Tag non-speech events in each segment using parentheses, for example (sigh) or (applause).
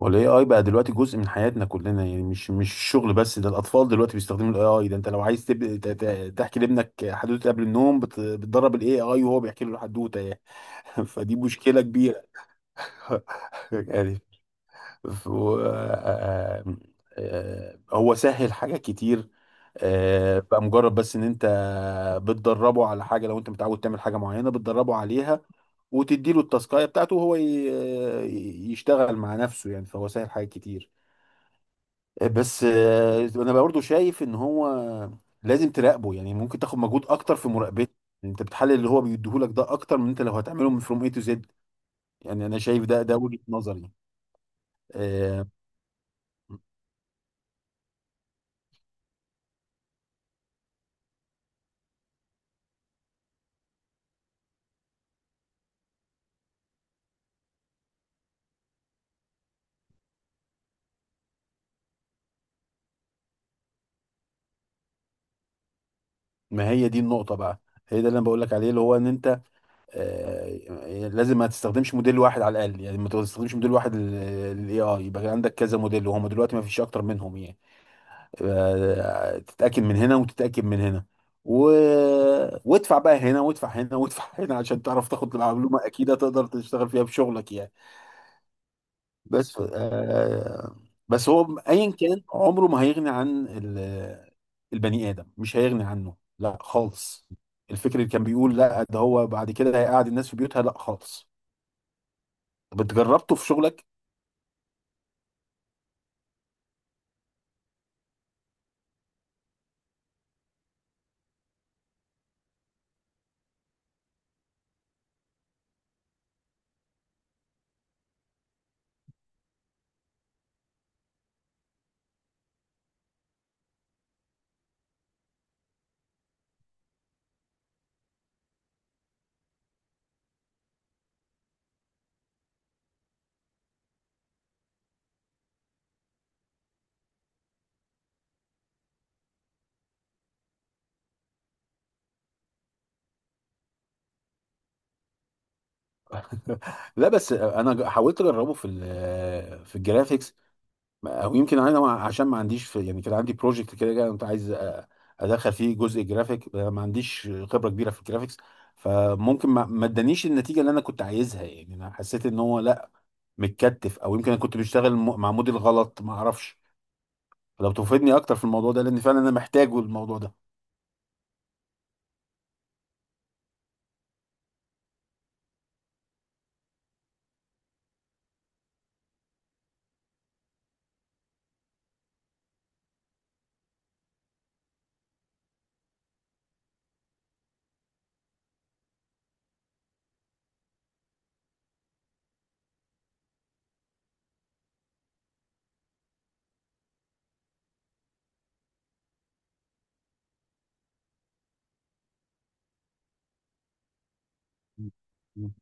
والاي اي بقى دلوقتي جزء من حياتنا كلنا يعني مش الشغل بس. ده الاطفال دلوقتي بيستخدموا الاي اي ده. انت لو عايز تحكي لابنك حدوته قبل النوم بتدرب الاي اي وهو بيحكي له الحدوته يعني. (laughs) فدي مشكله كبيره. (laughs) يعني ف... و... آه... آه... آه، آه، هو سهل حاجات كتير. بقى مجرد بس ان انت بتدربه على حاجه. لو انت متعود تعمل حاجه معينه بتدربه عليها وتديله التاسكايه بتاعته وهو يشتغل مع نفسه يعني. فهو سهل حاجات كتير. بس انا برضه شايف ان هو لازم تراقبه. يعني ممكن تاخد مجهود اكتر في مراقبته. يعني انت بتحلل اللي هو بيديهولك ده اكتر من انت لو هتعمله من فروم اي تو زد. يعني انا شايف ده وجهة نظري. آه، ما هي دي النقطة بقى. هي ده اللي انا بقول لك عليه اللي هو ان انت لازم ما تستخدمش موديل واحد. على الاقل يعني ما تستخدمش موديل واحد للاي اي. يبقى عندك كذا موديل وهم دلوقتي ما فيش اكتر منهم يعني. تتاكد من هنا وتتاكد من هنا و... وادفع بقى هنا وادفع هنا وادفع (laughs) هنا عشان تعرف تاخد المعلومه اكيده تقدر تشتغل فيها بشغلك يعني. بس آه، بس هو ايا كان عمره ما هيغني عن ال-. البني ادم مش هيغني عنه لا خالص. الفكر اللي كان بيقول لا ده هو بعد كده هيقعد الناس في بيوتها لا خالص. طب انت جربته في شغلك؟ (laughs) لا بس انا حاولت اجربه في ال- في الجرافيكس. او يمكن انا عشان ما عنديش في يعني. كان عندي بروجكت كده جاي كنت عايز ادخل فيه جزء جرافيك. أنا ما عنديش خبره كبيره في الجرافيكس. فممكن ما ادانيش النتيجه اللي انا كنت عايزها. يعني انا حسيت ان هو لا متكتف، او يمكن انا كنت بشتغل مع موديل غلط ما اعرفش. فلو تفيدني اكتر في الموضوع ده لان فعلا انا محتاجه الموضوع ده. مم.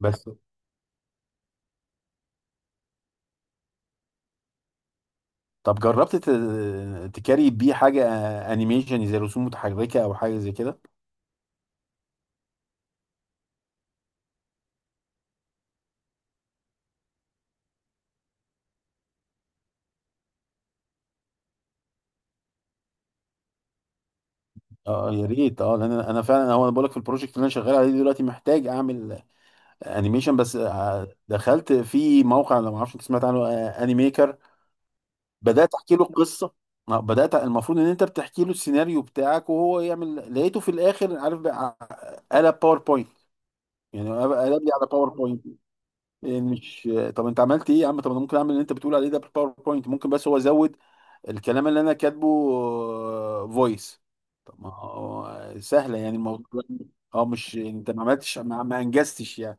بس طب جربت تكاري بيه حاجه انيميشن زي رسوم متحركه او حاجه زي كده؟ اه يا ريت، اه. لان انا فعلا هو انا بقول لك في البروجكت اللي انا شغال عليه دلوقتي محتاج اعمل انيميشن. بس دخلت في موقع لو ما اعرفش انت سمعت عنه انيميكر. بدات احكي له القصه. بدات، المفروض ان انت بتحكي له السيناريو بتاعك وهو يعمل. لقيته في الاخر عارف بقى قلب باوربوينت. يعني قلب لي على باوربوينت. يعني مش طب انت عملت ايه يا عم؟ طب انا ممكن اعمل اللي انت بتقول عليه ده بالباوربوينت ممكن. بس هو زود الكلام اللي انا كاتبه فويس. طب ما هو سهله يعني الموضوع. اه مش انت ما عملتش ما انجزتش يعني.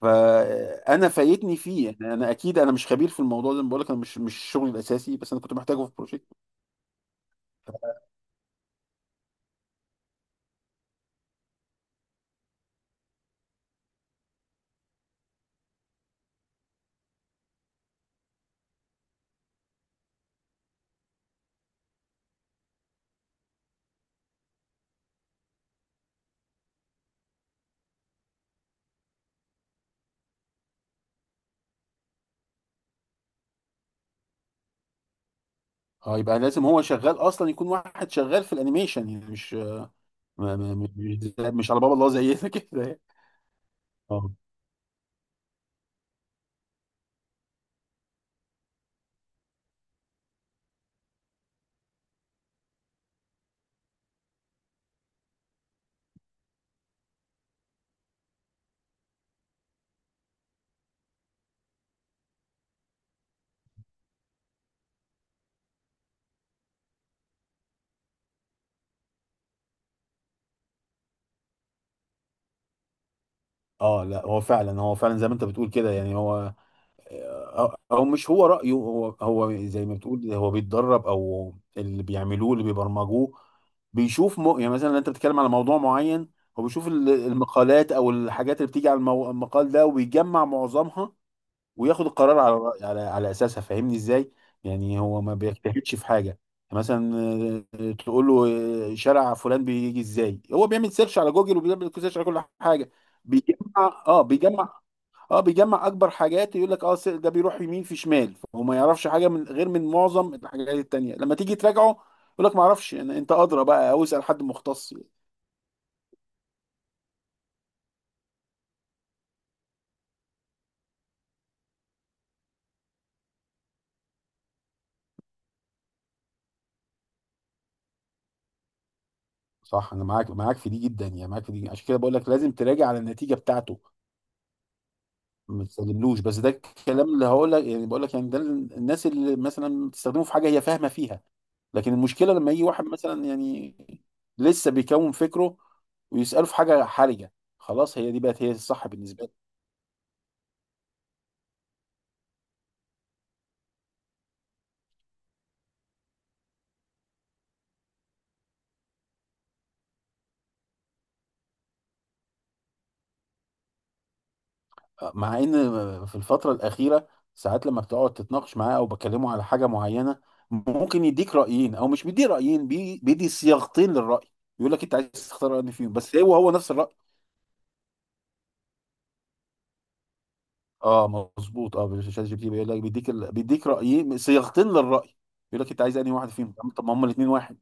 فانا فايتني فيه يعني. انا اكيد انا مش خبير في الموضوع زي ما بقول لك انا مش شغلي الاساسي. بس انا كنت محتاجه في بروجكت. اه يبقى لازم هو شغال اصلا يكون واحد شغال في الانيميشن. يعني مش مش على باب الله زينا (laughs) كده يعني. اه اه، لا هو فعلا. هو فعلا زي ما انت بتقول كده يعني. هو او مش هو رأيه. هو زي ما بتقول هو بيتدرب او اللي بيعملوه اللي بيبرمجوه. بيشوف يعني مثلا انت بتتكلم على موضوع معين. هو بيشوف المقالات او الحاجات اللي بتيجي على المقال ده وبيجمع معظمها. وياخد القرار على على اساسها. فاهمني ازاي؟ يعني هو ما بيجتهدش في حاجة يعني. مثلا تقول له شارع فلان بيجي ازاي. هو بيعمل سيرش على جوجل وبيعمل سيرش على كل حاجة. بيجمع اه بيجمع اه بيجمع اكبر حاجات. يقول لك اه ده بيروح يمين في شمال. فهو ما يعرفش حاجه من غير من معظم الحاجات التانية. لما تيجي تراجعه يقول لك ما اعرفش. يعني انت ادرى بقى او اسال حد مختص يعني. صح انا معاك معاك في دي جدا. يعني معاك في دي. عشان كده بقول لك لازم تراجع على النتيجه بتاعته. ما تسلملوش. بس ده الكلام اللي هقول لك يعني. بقول لك يعني ده الناس اللي مثلا بتستخدمه في حاجه هي فاهمه فيها. لكن المشكله لما يجي واحد مثلا يعني لسه بيكون فكره ويساله في حاجه حرجه. خلاص، هي دي بقت هي الصح بالنسبه. مع ان في الفتره الاخيره ساعات لما بتقعد تتناقش معاه او بكلمه على حاجه معينه ممكن يديك رايين. او مش بيدي رايين، بيدي صياغتين للراي. يقول لك انت عايز تختار انهي فيهم. بس هو نفس الراي. اه مظبوط. اه شات جي بي تي بيقول لك بيديك رايين صياغتين للراي. يقول لك انت عايز انهي واحد فيهم؟ طب ما هم الاثنين واحد.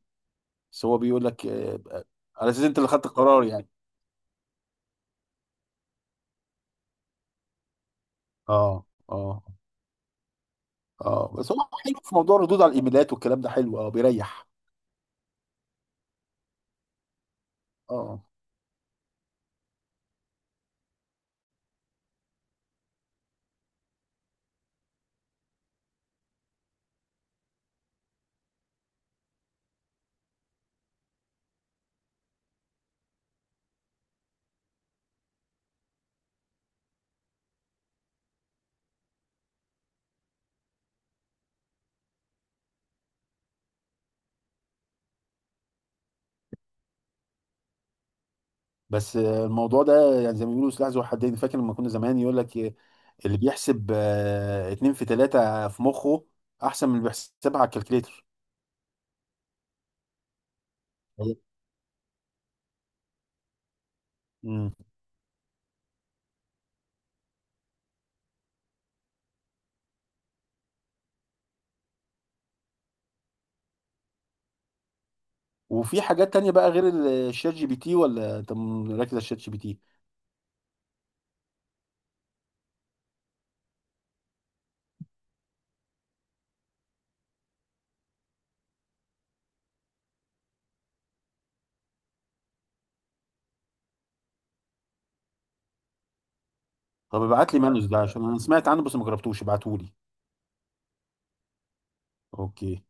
بس هو بيقول لك على اساس انت اللي خدت القرار يعني. اه اه اه. بس هو حلو في موضوع الردود على الايميلات والكلام ده حلو، اه بيريح. اه بس الموضوع ده يعني زي ما بيقولوا سلاح ذو حدين. فاكر لما كنا زمان يقول لك اللي بيحسب 2×3 في مخه احسن من اللي بيحسبها على الكالكليتر. أيوة. مم. وفي حاجات تانية بقى غير الشات جي بي تي؟ ولا انت مركز على الشات جي بي تي؟ طب ابعت لي مانوس ده عشان انا سمعت عنه بس ما جربتوش. ابعته لي. اوكي.